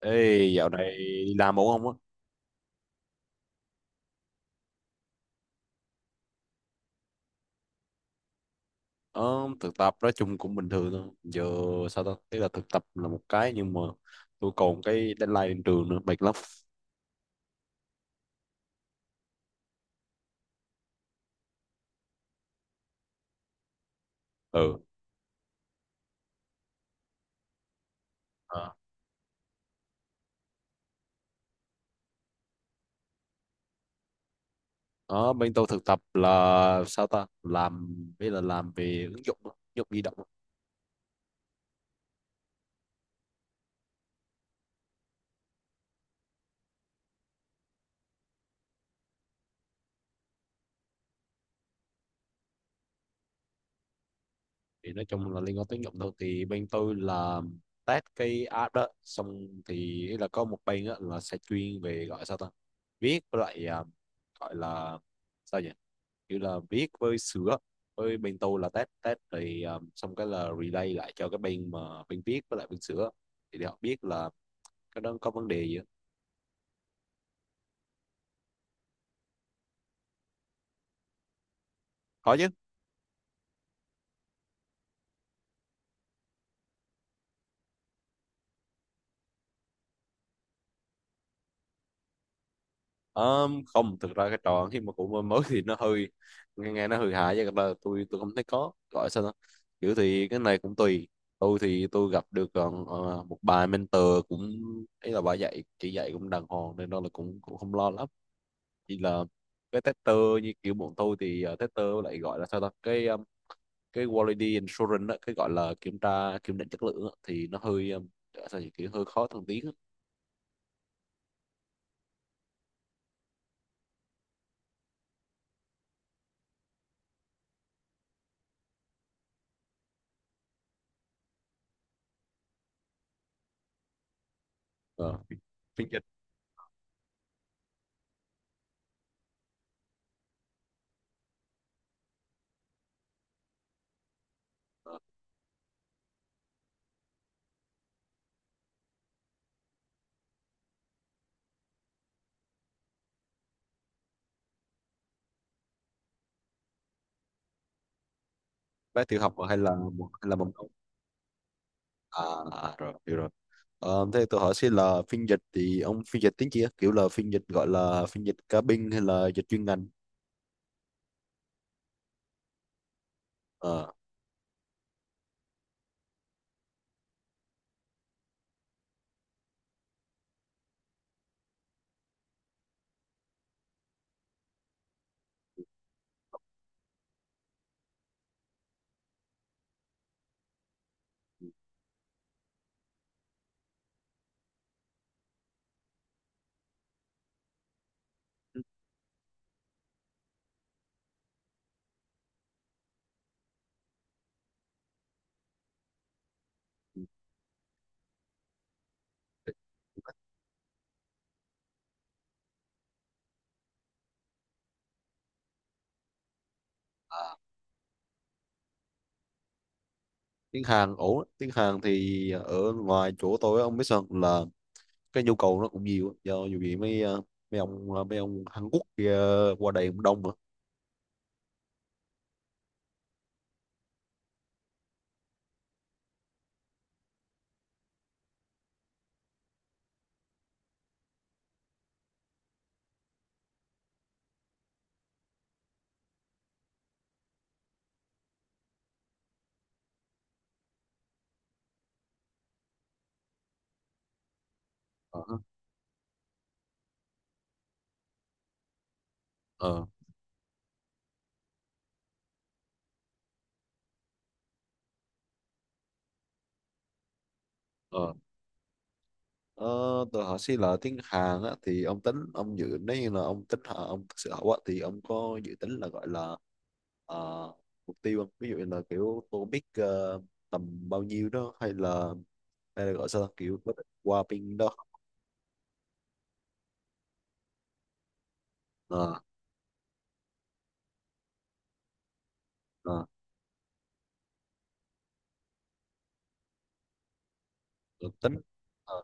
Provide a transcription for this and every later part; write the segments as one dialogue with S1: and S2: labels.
S1: Ê, dạo này đi làm ổn không á? Ờ, thực tập nói chung cũng bình thường thôi. Giờ sao ta? Tức là thực tập là một cái nhưng mà tôi còn cái deadline trên trường nữa, mệt lắm. Ừ. Ờ, Ờ, bên tôi thực tập là sao ta? Làm bây là làm về ứng dụng, á, ứng dụng di động á. Thì nói chung là liên quan tới ứng dụng thôi. Thì bên tôi là test cái app đó. Xong thì là có một bên á, là sẽ chuyên về gọi sao ta? Viết với lại, gọi là sao nhỉ? Như là viết với sửa, với bên tôi là test test, thì xong cái là relay lại cho cái bên mà bên viết với lại bên sửa, thì để họ biết là cái đó có vấn đề gì á. Có chứ. Không, thực ra cái trò khi mà cũng mới thì nó hơi nghe nó hơi hại, chứ thật ra tôi không thấy có gọi sao đó. Kiểu thì cái này cũng tùy, tôi thì tôi gặp được một bà mentor cũng ấy, là bà dạy chỉ dạy cũng đàng hoàng, nên đó là cũng cũng không lo lắm. Chỉ là cái tester như kiểu bọn tôi thì tester lại gọi là sao ta, cái cái quality assurance á, cái gọi là kiểm tra kiểm định chất lượng á, thì nó hơi sao nhỉ? Kiểu hơi khó thăng tiến á. Ờ, phiên dịch ờ, bé tiểu học hay là mầm non? À, à rồi, hiểu rồi. Thế tôi hỏi xin là phiên dịch thì ông phiên dịch tiếng gì á? Kiểu là phiên dịch gọi là phiên dịch cá binh hay là dịch chuyên ngành? Ờ. Ừ. À, tiếng Hàn ổn á. Tiếng Hàn thì ở ngoài chỗ tôi á, ông biết sao không? Là cái nhu cầu nó cũng nhiều á. Do dù gì mấy mấy ông Hàn Quốc kia qua đây cũng đông mà. Ờ. Ờ. Ờ. Ờ, tôi hỏi xí là tiếng Hàn á thì ông tính ông dự, nếu như là ông thực sự học á, thì ông có dự tính là gọi là ờ, mục tiêu không? Ví dụ như là kiểu TOEIC tầm bao nhiêu đó, hay là gọi sao ta? Kiểu có định qua bên đó. Ờ, ờ, tôi tính ờ.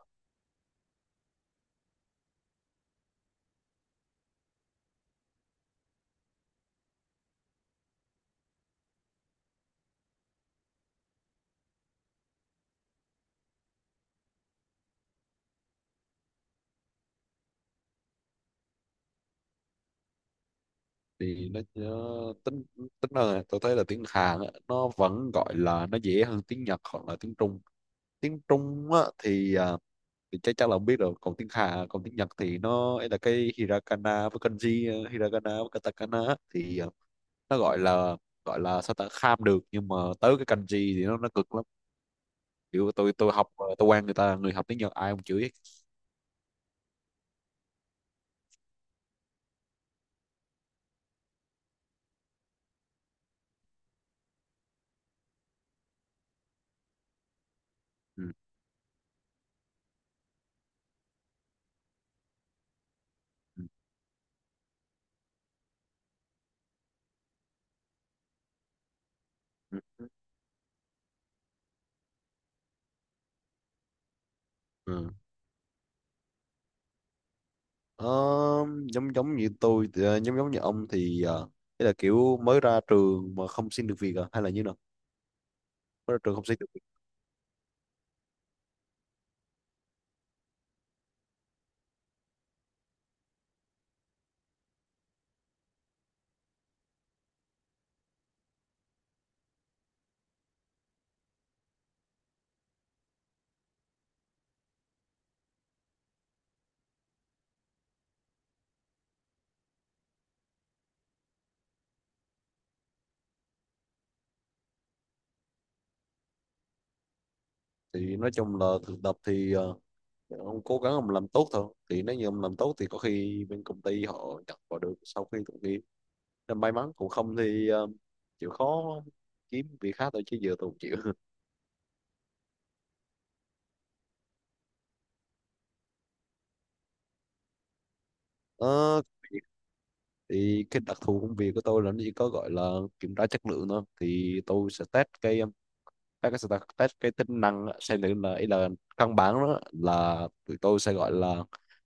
S1: Thì nó tính tính là tôi thấy là tiếng Hàn á, nó vẫn gọi là nó dễ hơn tiếng Nhật hoặc là tiếng Trung. Tiếng Trung á, thì à, thì chắc chắn là ông biết rồi. Còn tiếng Hàn, còn tiếng Nhật thì nó ấy là cái hiragana với kanji, hiragana với katakana á, thì nó gọi là, gọi là sao ta, kham được, nhưng mà tới cái kanji thì nó cực lắm. Kiểu tôi học tôi quen người ta, người học tiếng Nhật ai cũng chửi hết. Ừ. Ừ. Ừ. Ừ. Ờ, giống giống như tôi thì, ờ, giống giống như ông thì thế là kiểu mới ra trường mà không xin được việc à? Hay là như nào, mới ra trường không xin được việc? Thì nói chung là thực tập thì ông cố gắng ông làm tốt thôi, thì nếu như ông làm tốt thì có khi bên công ty họ nhận vào được sau khi tốt nghiệp. Nên may mắn, cũng không thì chịu khó kiếm việc khác thôi, chứ giờ tôi không chịu. Ờ, thì cái đặc thù công việc của tôi là nó chỉ có gọi là kiểm tra chất lượng thôi. Thì tôi sẽ test cái, các cái static test cái tính năng á, xem thử là ý là căn bản đó, là tụi tôi sẽ gọi là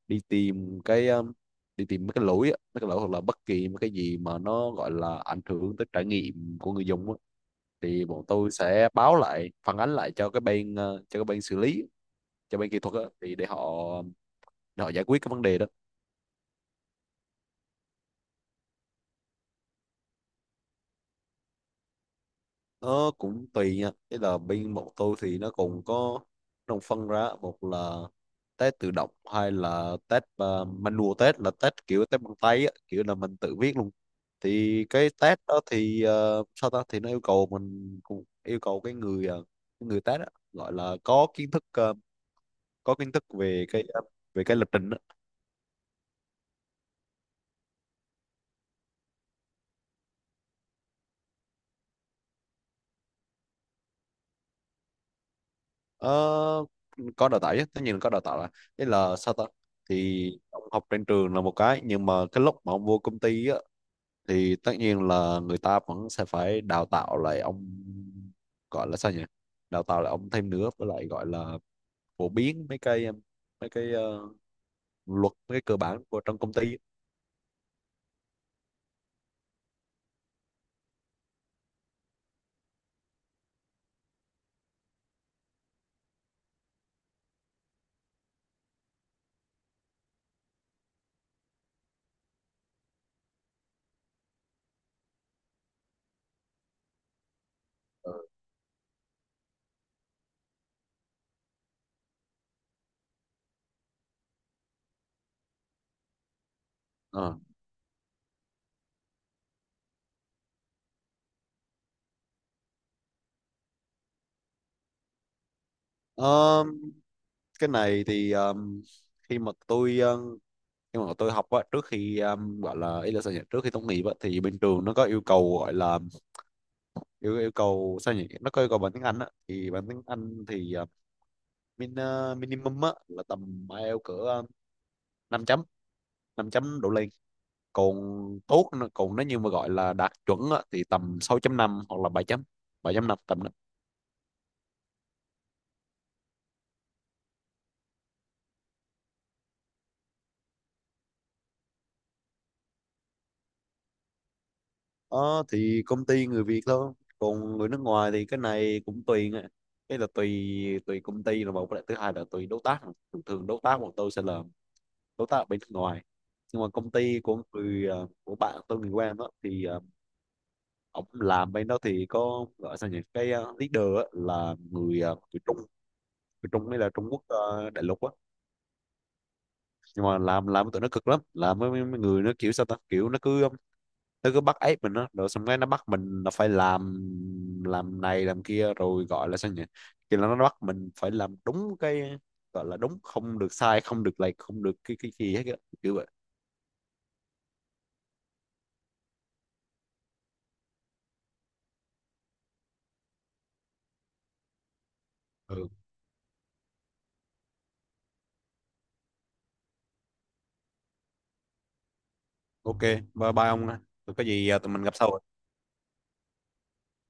S1: đi tìm cái đi tìm mấy cái lỗi á, mấy cái lỗi hoặc là bất kỳ một cái gì mà nó gọi là ảnh hưởng tới trải nghiệm của người dùng á. Thì bọn tôi sẽ báo lại, phản ánh lại cho cái bên cho cái bên xử lý, cho bên kỹ thuật á, thì để họ giải quyết cái vấn đề đó. Nó cũng tùy nha. Thế là bên bọn tôi thì nó cũng có đồng phân ra, một là test tự động hay là test manual, test là test kiểu test bằng tay á, kiểu là mình tự viết luôn. Thì cái test đó thì sao ta, thì nó yêu cầu mình, cũng yêu cầu cái người cái người test á, gọi là có kiến thức có kiến thức về cái về cái lập trình á. Ờ, có đào tạo chứ, tất nhiên là có đào tạo. Là thế là sao ta, thì ông học trên trường là một cái, nhưng mà cái lúc mà ông vô công ty á, thì tất nhiên là người ta vẫn sẽ phải đào tạo lại ông, gọi là sao nhỉ, đào tạo lại ông thêm nữa, với lại gọi là phổ biến mấy cái mấy cái luật, mấy cái cơ bản của trong công ty. Ừ. Ờ. Ờ, cái này thì khi mà tôi khi mà tôi học á, trước khi gọi là ý là sao nhỉ, trước khi tốt nghiệp á, thì bên trường nó có yêu cầu, gọi là yêu yêu cầu sao nhỉ, nó có yêu cầu bằng tiếng Anh á, thì bằng tiếng Anh thì min, minimum á, là tầm IELTS cỡ 5 chấm, 5 chấm đổ lên. Còn tốt nữa- còn nếu như mà gọi là đạt chuẩn á, thì tầm sáu chấm năm hoặc là bảy chấm năm, tầm đó. Ờ, thì công ty người Việt thôi. Còn người nước ngoài thì cái này cũng tùy nghe. Cái là tùy, tùy công ty là một cái, thứ hai là tùy đối tác. Thường thường đối tác của tôi sẽ là đối tác ở bên nước ngoài. Nhưng mà công ty của người của bạn tôi, người quen đó, thì ông làm bên đó thì có gọi sao nhỉ, cái leader á, là người người Trung, hay là Trung Quốc, đại lục á. Nhưng mà làm tụi nó cực lắm, làm với mấy mấy người nó kiểu sao ta, kiểu nó cứ bắt ép mình đó, rồi xong cái nó bắt mình là phải làm này làm kia, rồi gọi là sao nhỉ, kiểu là nó bắt mình phải làm đúng cái, gọi là đúng, không được sai, không được lệch, không được cái gì hết á, kiểu vậy. Ừ, ok, bye bye ông ạ. Rồi có gì à, tụi mình gặp sau.